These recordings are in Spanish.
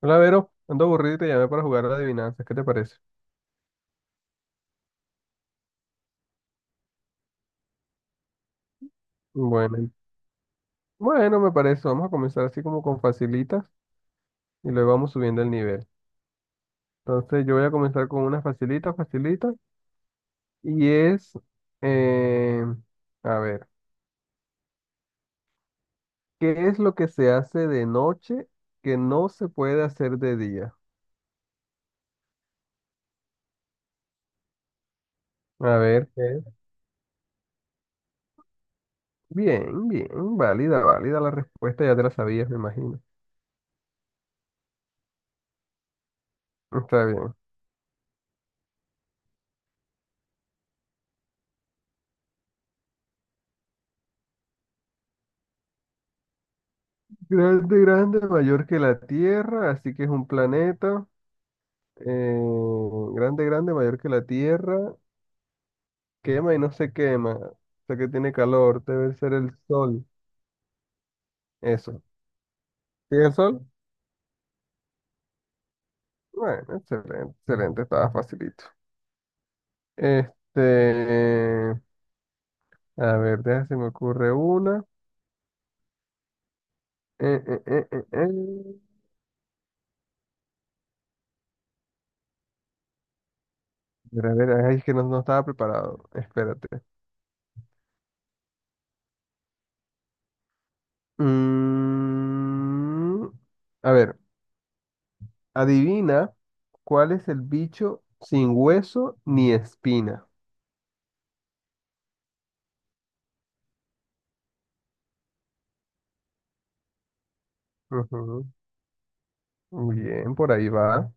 Hola, Vero. Ando aburrido y te llamé para jugar a adivinanzas. ¿Qué te parece? Bueno, y- bueno, me parece. Vamos a comenzar así como con facilitas y luego vamos subiendo el nivel. Entonces yo voy a comenzar con una facilita, facilita. Y es, eh, a ver, ¿qué es lo que se hace de noche que no se puede hacer de día? A ver, ¿qué es? Bien, bien, válida, válida la respuesta. Ya te la sabías, me imagino. Está bien. Grande, grande, mayor que la Tierra, así que es un planeta. Eh, grande, grande, mayor que la tierra, quema y no se quema, o sea que tiene calor, debe ser el sol, eso. ¿Sí el sol? Bueno, excelente, excelente, estaba facilito. Este, a ver, déjame se me ocurre una. Eh, eh, eh, eh, eh. A ver, ay, es que no, no estaba preparado, espérate. Mm, a ver, adivina cuál es el bicho sin hueso ni espina. Ujú. Muy bien, por ahí va.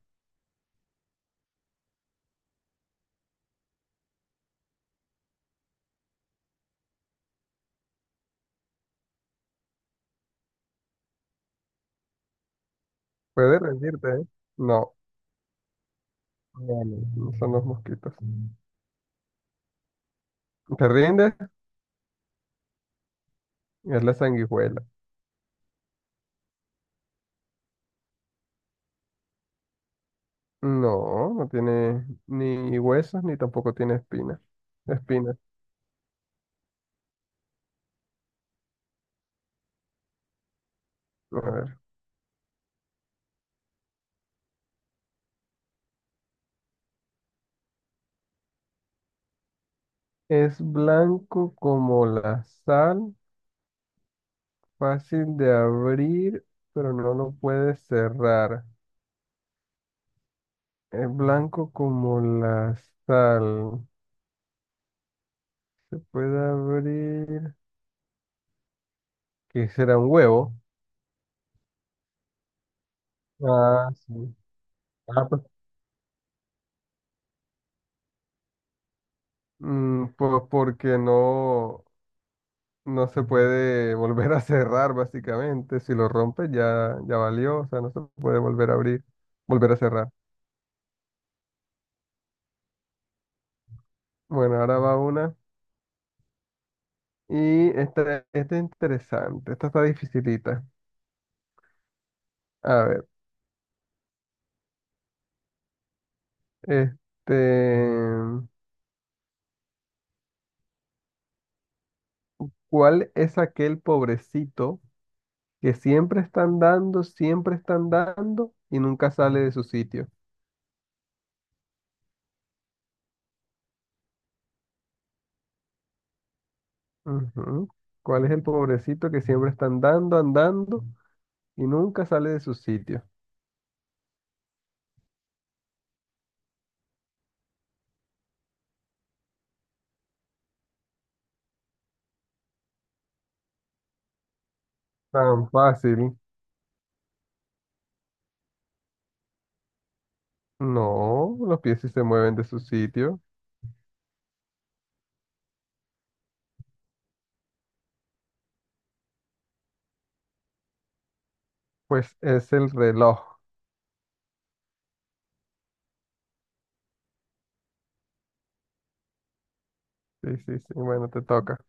Puede rendirte, ¿eh? No, no, no, no son los mosquitos. ¿Te rindes? Es la sanguijuela. No, no tiene ni huesos ni tampoco tiene espinas. Espinas. A ver. Es blanco como la sal, fácil de abrir, pero no lo puedes cerrar. Es blanco como la sal. Puede abrir. ¿Qué será un huevo? Ah, sí. Ah, pues pues porque no, no se puede volver a cerrar, básicamente. Si lo rompes ya, ya valió, o sea, no se puede volver a abrir, volver a cerrar. Bueno, ahora va una. Y esta es interesante, esta está dificilita. A ver, este, ¿Cuál es aquel pobrecito que siempre están dando y nunca sale de su sitio? Ujú. ¿Cuál es el pobrecito que siempre están dando, andando? Y nunca sale de su sitio. Tan fácil. No, los pies sí se mueven de su sitio. Pues es el reloj. Sí, sí, sí. Bueno, te toca.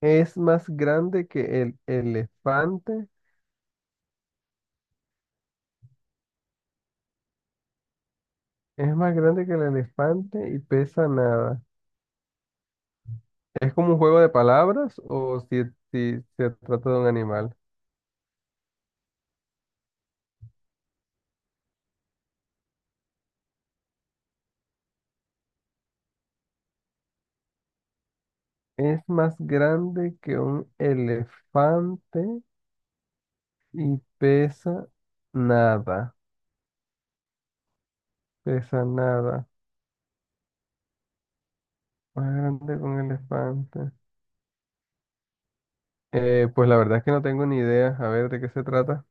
Es más grande que el elefante. Es más grande que el elefante y pesa nada. ¿Es como un juego de palabras o si, si se trata de un animal? Es más grande que un elefante y pesa nada. Pesa nada. Más grande que un elefante. Pues la verdad es que no tengo ni idea. A ver, ¿de qué se trata?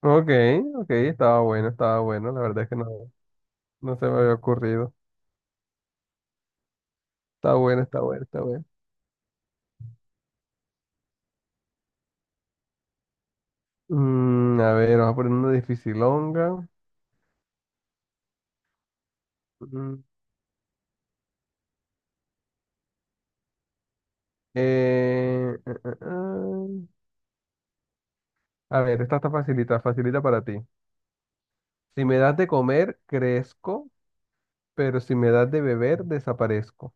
Ok, ok, estaba bueno, estaba bueno. La verdad es que no, no se me había ocurrido. Está bueno, está bueno, está bueno. Mm, a ver, vamos a poner una dificilonga. Mm, eh, eh, eh, eh. A ver, esta está facilita, facilita para ti. Si me das de comer, crezco, pero si me das de beber, desaparezco.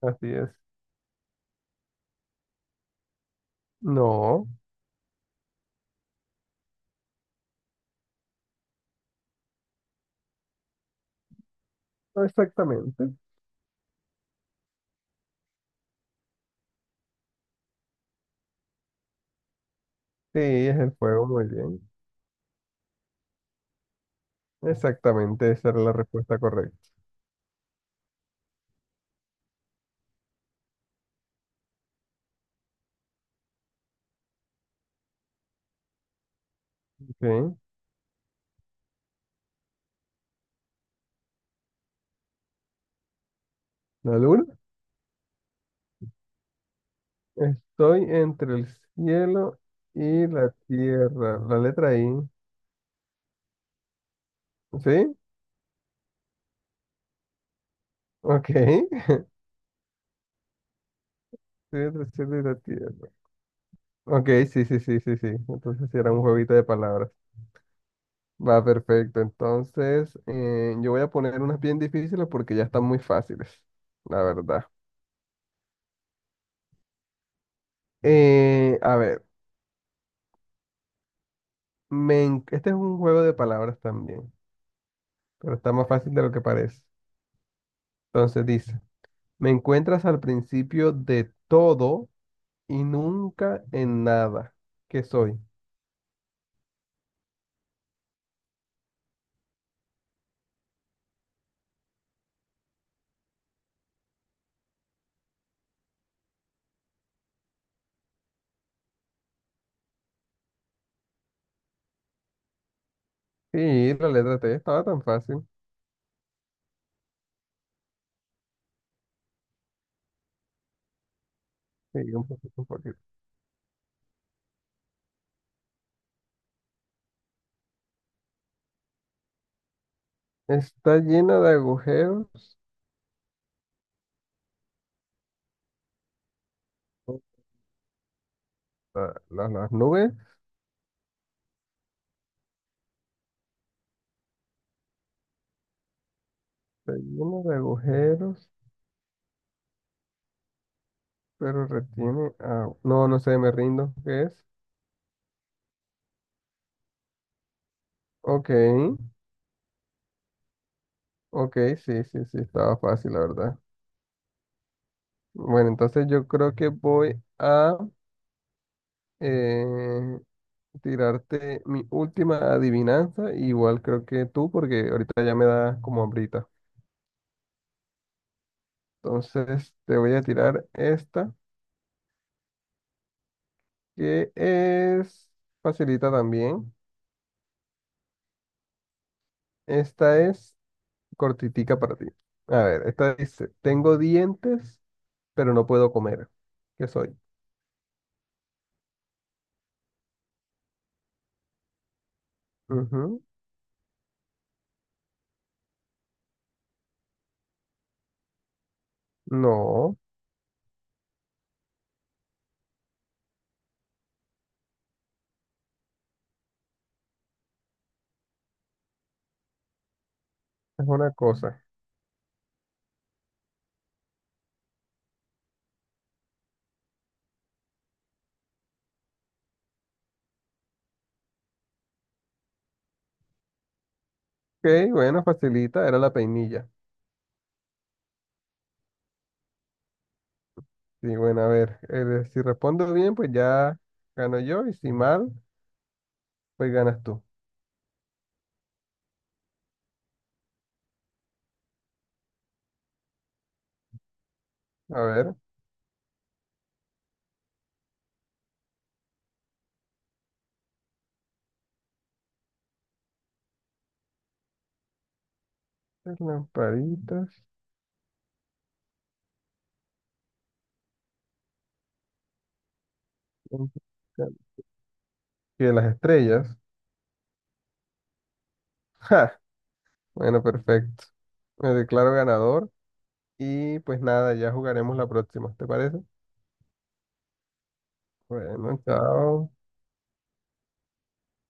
Así es. No, no exactamente. Sí, es el fuego, muy bien. Exactamente, esa era la respuesta correcta. Sí, la luna. Estoy entre el cielo y la tierra. La letra I. ¿Sí? Ok. Estoy entre el cielo y la tierra. Ok, sí, sí, sí, sí, sí. Entonces sí era un jueguito de palabras. Va, perfecto. Entonces, yo voy a poner unas bien difíciles porque ya están muy fáciles, la verdad. A ver, este es un juego de palabras también, pero está más fácil de lo que parece. Entonces dice, me encuentras al principio de todo y nunca en nada. ¿Qué soy? Sí, la letra T estaba tan fácil. Sí, un poquito, un poquito. Está llena de agujeros. Las nubes. Está llena de agujeros, pero retiene agua. No, no sé, me rindo. ¿Qué es? Ok, ok, sí, sí, sí, estaba fácil, la verdad. Bueno, entonces yo creo que voy a eh, tirarte mi última adivinanza. Igual creo que tú, porque ahorita ya me da como hambrita. Entonces te voy a tirar esta, que es facilita también. Esta es cortitica para ti. A ver, esta dice, tengo dientes, pero no puedo comer. ¿Qué soy? Ujú. No, es una cosa. Ok, bueno, facilita, era la peinilla. Sí, bueno, a ver, si respondo bien, pues ya gano yo, y si mal, pues ganas tú. A ver, las lamparitas, que las estrellas. Bueno, perfecto. Me declaro ganador y pues nada, ya jugaremos la próxima, ¿te parece? Bueno, chao.